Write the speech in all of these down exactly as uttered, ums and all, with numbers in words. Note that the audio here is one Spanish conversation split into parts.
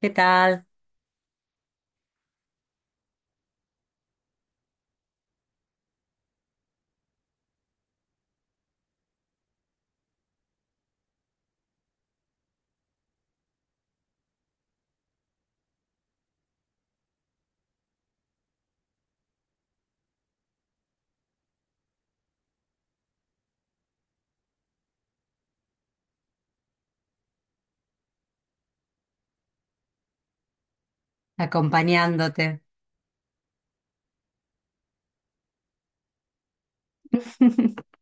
¿Qué tal? Acompañándote.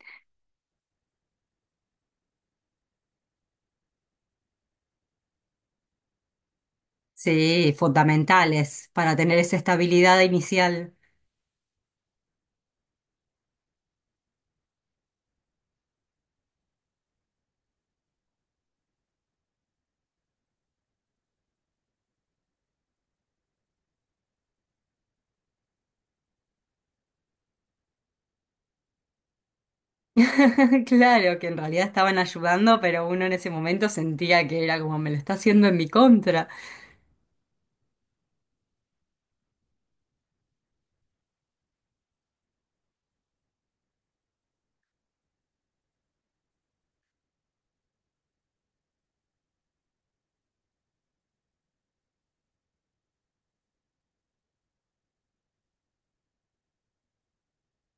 Sí, fundamentales para tener esa estabilidad inicial. Claro, que en realidad estaban ayudando, pero uno en ese momento sentía que era como me lo está haciendo en mi contra.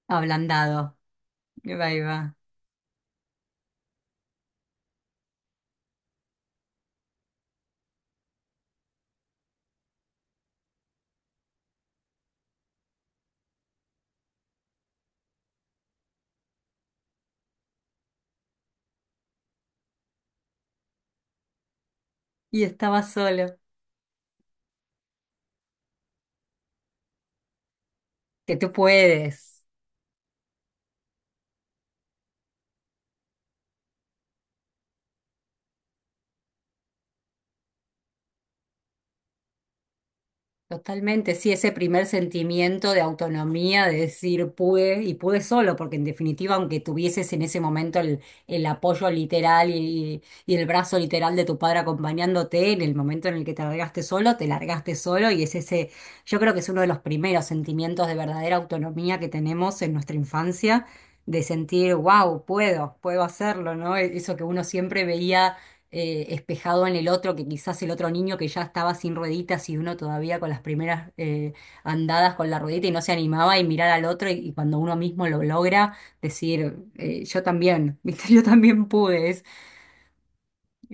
Ablandado. Ahí va. Y estaba solo. Que tú puedes. Totalmente, sí, ese primer sentimiento de autonomía, de decir pude y pude solo, porque en definitiva, aunque tuvieses en ese momento el, el apoyo literal y, y el brazo literal de tu padre acompañándote, en el momento en el que te largaste solo, te largaste solo y es ese, yo creo que es uno de los primeros sentimientos de verdadera autonomía que tenemos en nuestra infancia, de sentir, wow, puedo, puedo hacerlo, ¿no? E, Eso que uno siempre veía eh, espejado en el otro, que quizás el otro niño que ya estaba sin rueditas y uno todavía con las primeras eh, andadas con la ruedita y no se animaba y mirar al otro y, y cuando uno mismo lo logra, decir, eh, yo también, ¿viste? Yo también pude.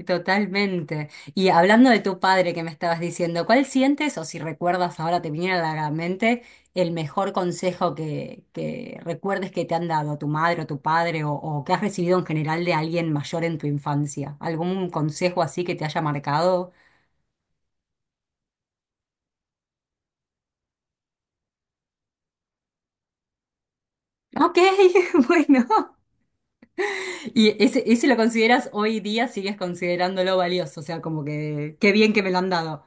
Totalmente. Y hablando de tu padre que me estabas diciendo, ¿cuál sientes o si recuerdas ahora te viniera a la mente el mejor consejo que, que recuerdes que te han dado tu madre o tu padre o, o que has recibido en general de alguien mayor en tu infancia? ¿Algún consejo así que te haya marcado? Ok, bueno. ¿Y ese, ese lo consideras hoy día, sigues considerándolo valioso? O sea, como que qué bien que me lo han dado.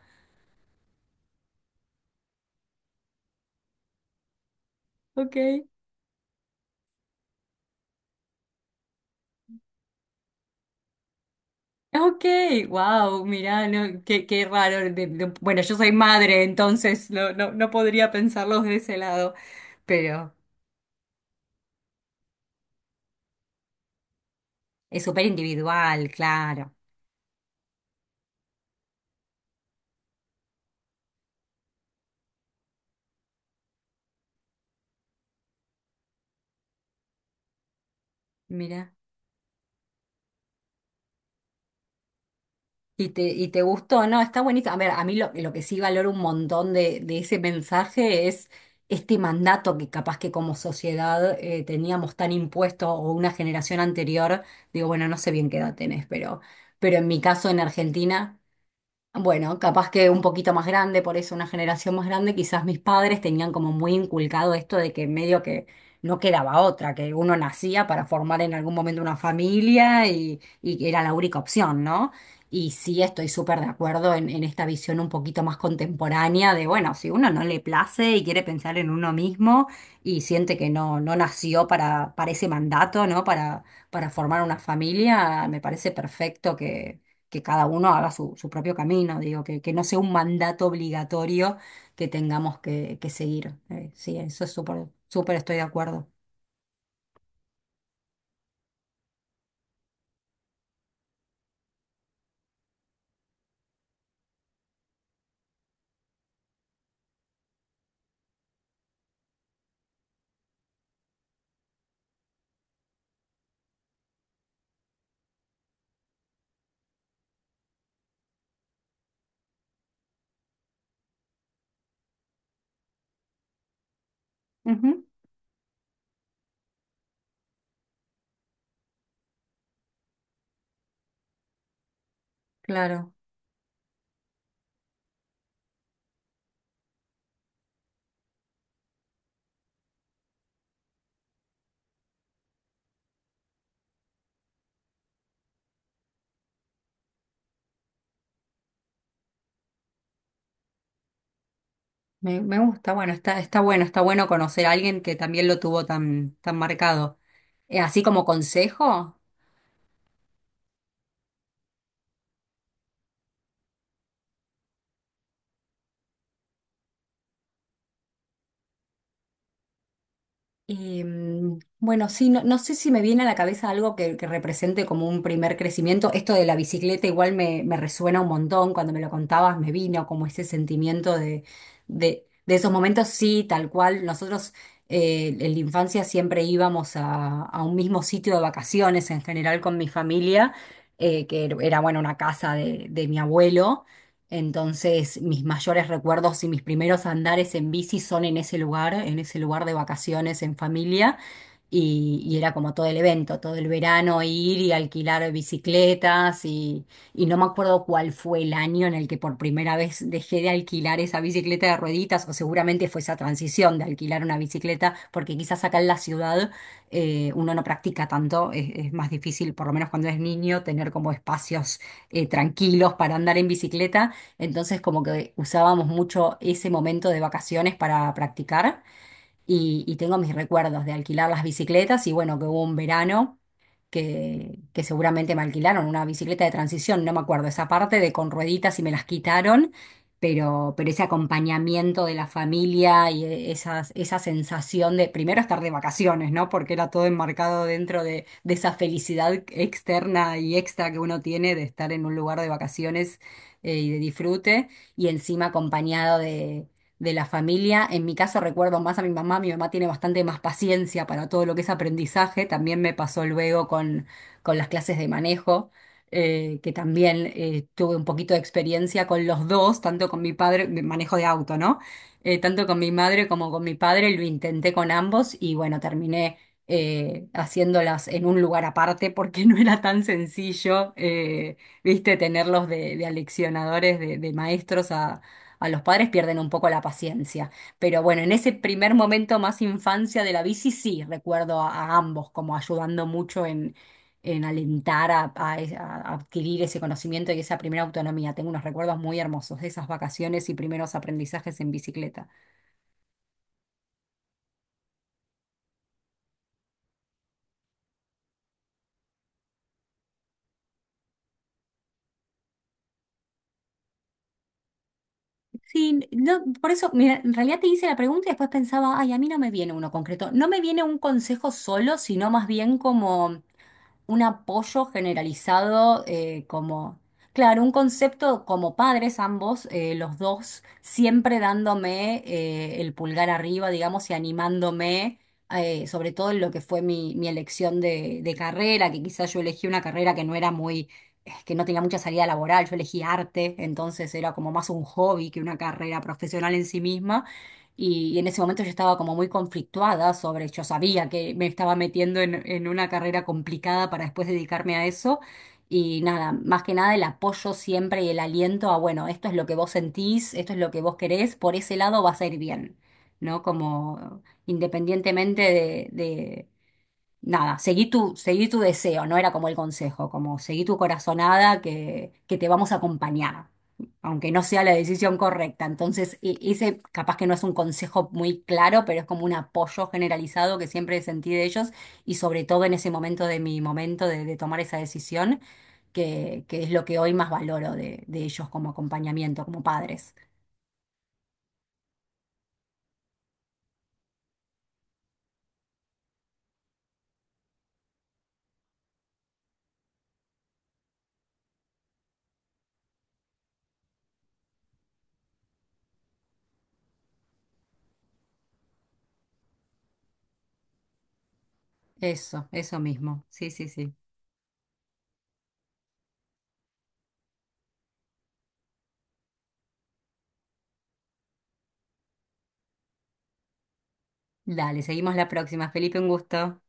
Ok. Ok, wow, mirá, no, qué, qué raro. De- de- bueno, yo soy madre, entonces no, no, no podría pensarlos de ese lado, pero es súper individual, claro. Mira. Y te, y te gustó, ¿no? Está bonito. A ver, a mí lo, lo que sí valoro un montón de, de ese mensaje es este mandato que capaz que como sociedad eh, teníamos tan impuesto o una generación anterior. Digo, bueno, no sé bien qué edad tenés, pero, pero en mi caso en Argentina. Bueno, capaz que un poquito más grande, por eso una generación más grande, quizás mis padres tenían como muy inculcado esto de que medio que no quedaba otra, que uno nacía para formar en algún momento una familia y, y que era la única opción, ¿no? Y sí estoy súper de acuerdo en, en esta visión un poquito más contemporánea de, bueno, si uno no le place y quiere pensar en uno mismo y siente que no, no nació para, para ese mandato, ¿no? Para, para formar una familia, me parece perfecto que cada uno haga su, su propio camino, digo, que, que no sea un mandato obligatorio que tengamos que, que seguir. Eh, sí, eso es súper, súper estoy de acuerdo. Ujú, claro, me, me gusta, bueno, está, está bueno, está bueno conocer a alguien que también lo tuvo tan, tan marcado. Eh, así como consejo. Em, bueno, sí, no, no sé si me viene a la cabeza algo que, que represente como un primer crecimiento. Esto de la bicicleta igual me, me resuena un montón. Cuando me lo contabas me vino como ese sentimiento de, de, de esos momentos, sí, tal cual. Nosotros eh, en la infancia siempre íbamos a, a un mismo sitio de vacaciones en general con mi familia, eh, que era, bueno, una casa de, de mi abuelo. Entonces, mis mayores recuerdos y mis primeros andares en bici son en ese lugar, en ese lugar de vacaciones en familia. Y, y era como todo el evento, todo el verano ir y alquilar bicicletas y, y no me acuerdo cuál fue el año en el que por primera vez dejé de alquilar esa bicicleta de rueditas o seguramente fue esa transición de alquilar una bicicleta porque quizás acá en la ciudad eh, uno no practica tanto, es, es más difícil, por lo menos cuando es niño, tener como espacios eh, tranquilos para andar en bicicleta. Entonces como que usábamos mucho ese momento de vacaciones para practicar y, y tengo mis recuerdos de alquilar las bicicletas y bueno, que hubo un verano que, que seguramente me alquilaron una bicicleta de transición, no me acuerdo esa parte de con rueditas y me las quitaron, pero, pero ese acompañamiento de la familia y e- esas, esa sensación de primero estar de vacaciones, ¿no? Porque era todo enmarcado dentro de, de esa felicidad externa y extra que uno tiene de estar en un lugar de vacaciones eh, y de disfrute y encima acompañado de de la familia. En mi caso recuerdo más a mi mamá, mi mamá tiene bastante más paciencia para todo lo que es aprendizaje, también me pasó luego con, con las clases de manejo, eh, que también eh, tuve un poquito de experiencia con los dos, tanto con mi padre, de manejo de auto, ¿no? Eh, tanto con mi madre como con mi padre, lo intenté con ambos y bueno, terminé... eh, haciéndolas en un lugar aparte porque no era tan sencillo, eh, viste, tenerlos de, de aleccionadores, de, de maestros, a los padres pierden un poco la paciencia. Pero bueno, en ese primer momento más infancia de la bici, sí, recuerdo a, a ambos como ayudando mucho en, en alentar a, a e, a adquirir ese conocimiento y esa primera autonomía. Tengo unos recuerdos muy hermosos de esas vacaciones y primeros aprendizajes en bicicleta. Sí, no, por eso, mira, en realidad te hice la pregunta y después pensaba, ay, a mí no me viene uno concreto. No me viene un consejo solo, sino más bien como... un apoyo generalizado eh, como, claro, un concepto como padres ambos, eh, los dos, siempre dándome eh, el pulgar arriba, digamos, y animándome, eh, sobre todo en lo que fue mi, mi elección de, de carrera, que quizás yo elegí una carrera que no era muy, eh, que no tenía mucha salida laboral, yo elegí arte, entonces era como más un hobby que una carrera profesional en sí misma. Y, y en ese momento yo estaba como muy conflictuada sobre, yo sabía que me estaba metiendo en, en una carrera complicada para después dedicarme a eso. Y nada, más que nada el apoyo siempre y el aliento a, bueno, esto es lo que vos sentís, esto es lo que vos querés, por ese lado vas a ir bien, ¿no? Como independientemente de, de nada, seguí tu, seguí tu deseo, no era como el consejo, como seguí tu corazonada que, que te vamos a acompañar, aunque no sea la decisión correcta. Entonces, e- ese capaz que no es un consejo muy claro, pero es como un apoyo generalizado que siempre sentí de ellos y sobre todo en ese momento de mi momento de, de tomar esa decisión, que, que es lo que hoy más valoro de, de ellos como acompañamiento, como padres. Eso, eso mismo. Sí, sí, sí. Dale, seguimos la próxima. Felipe, un gusto.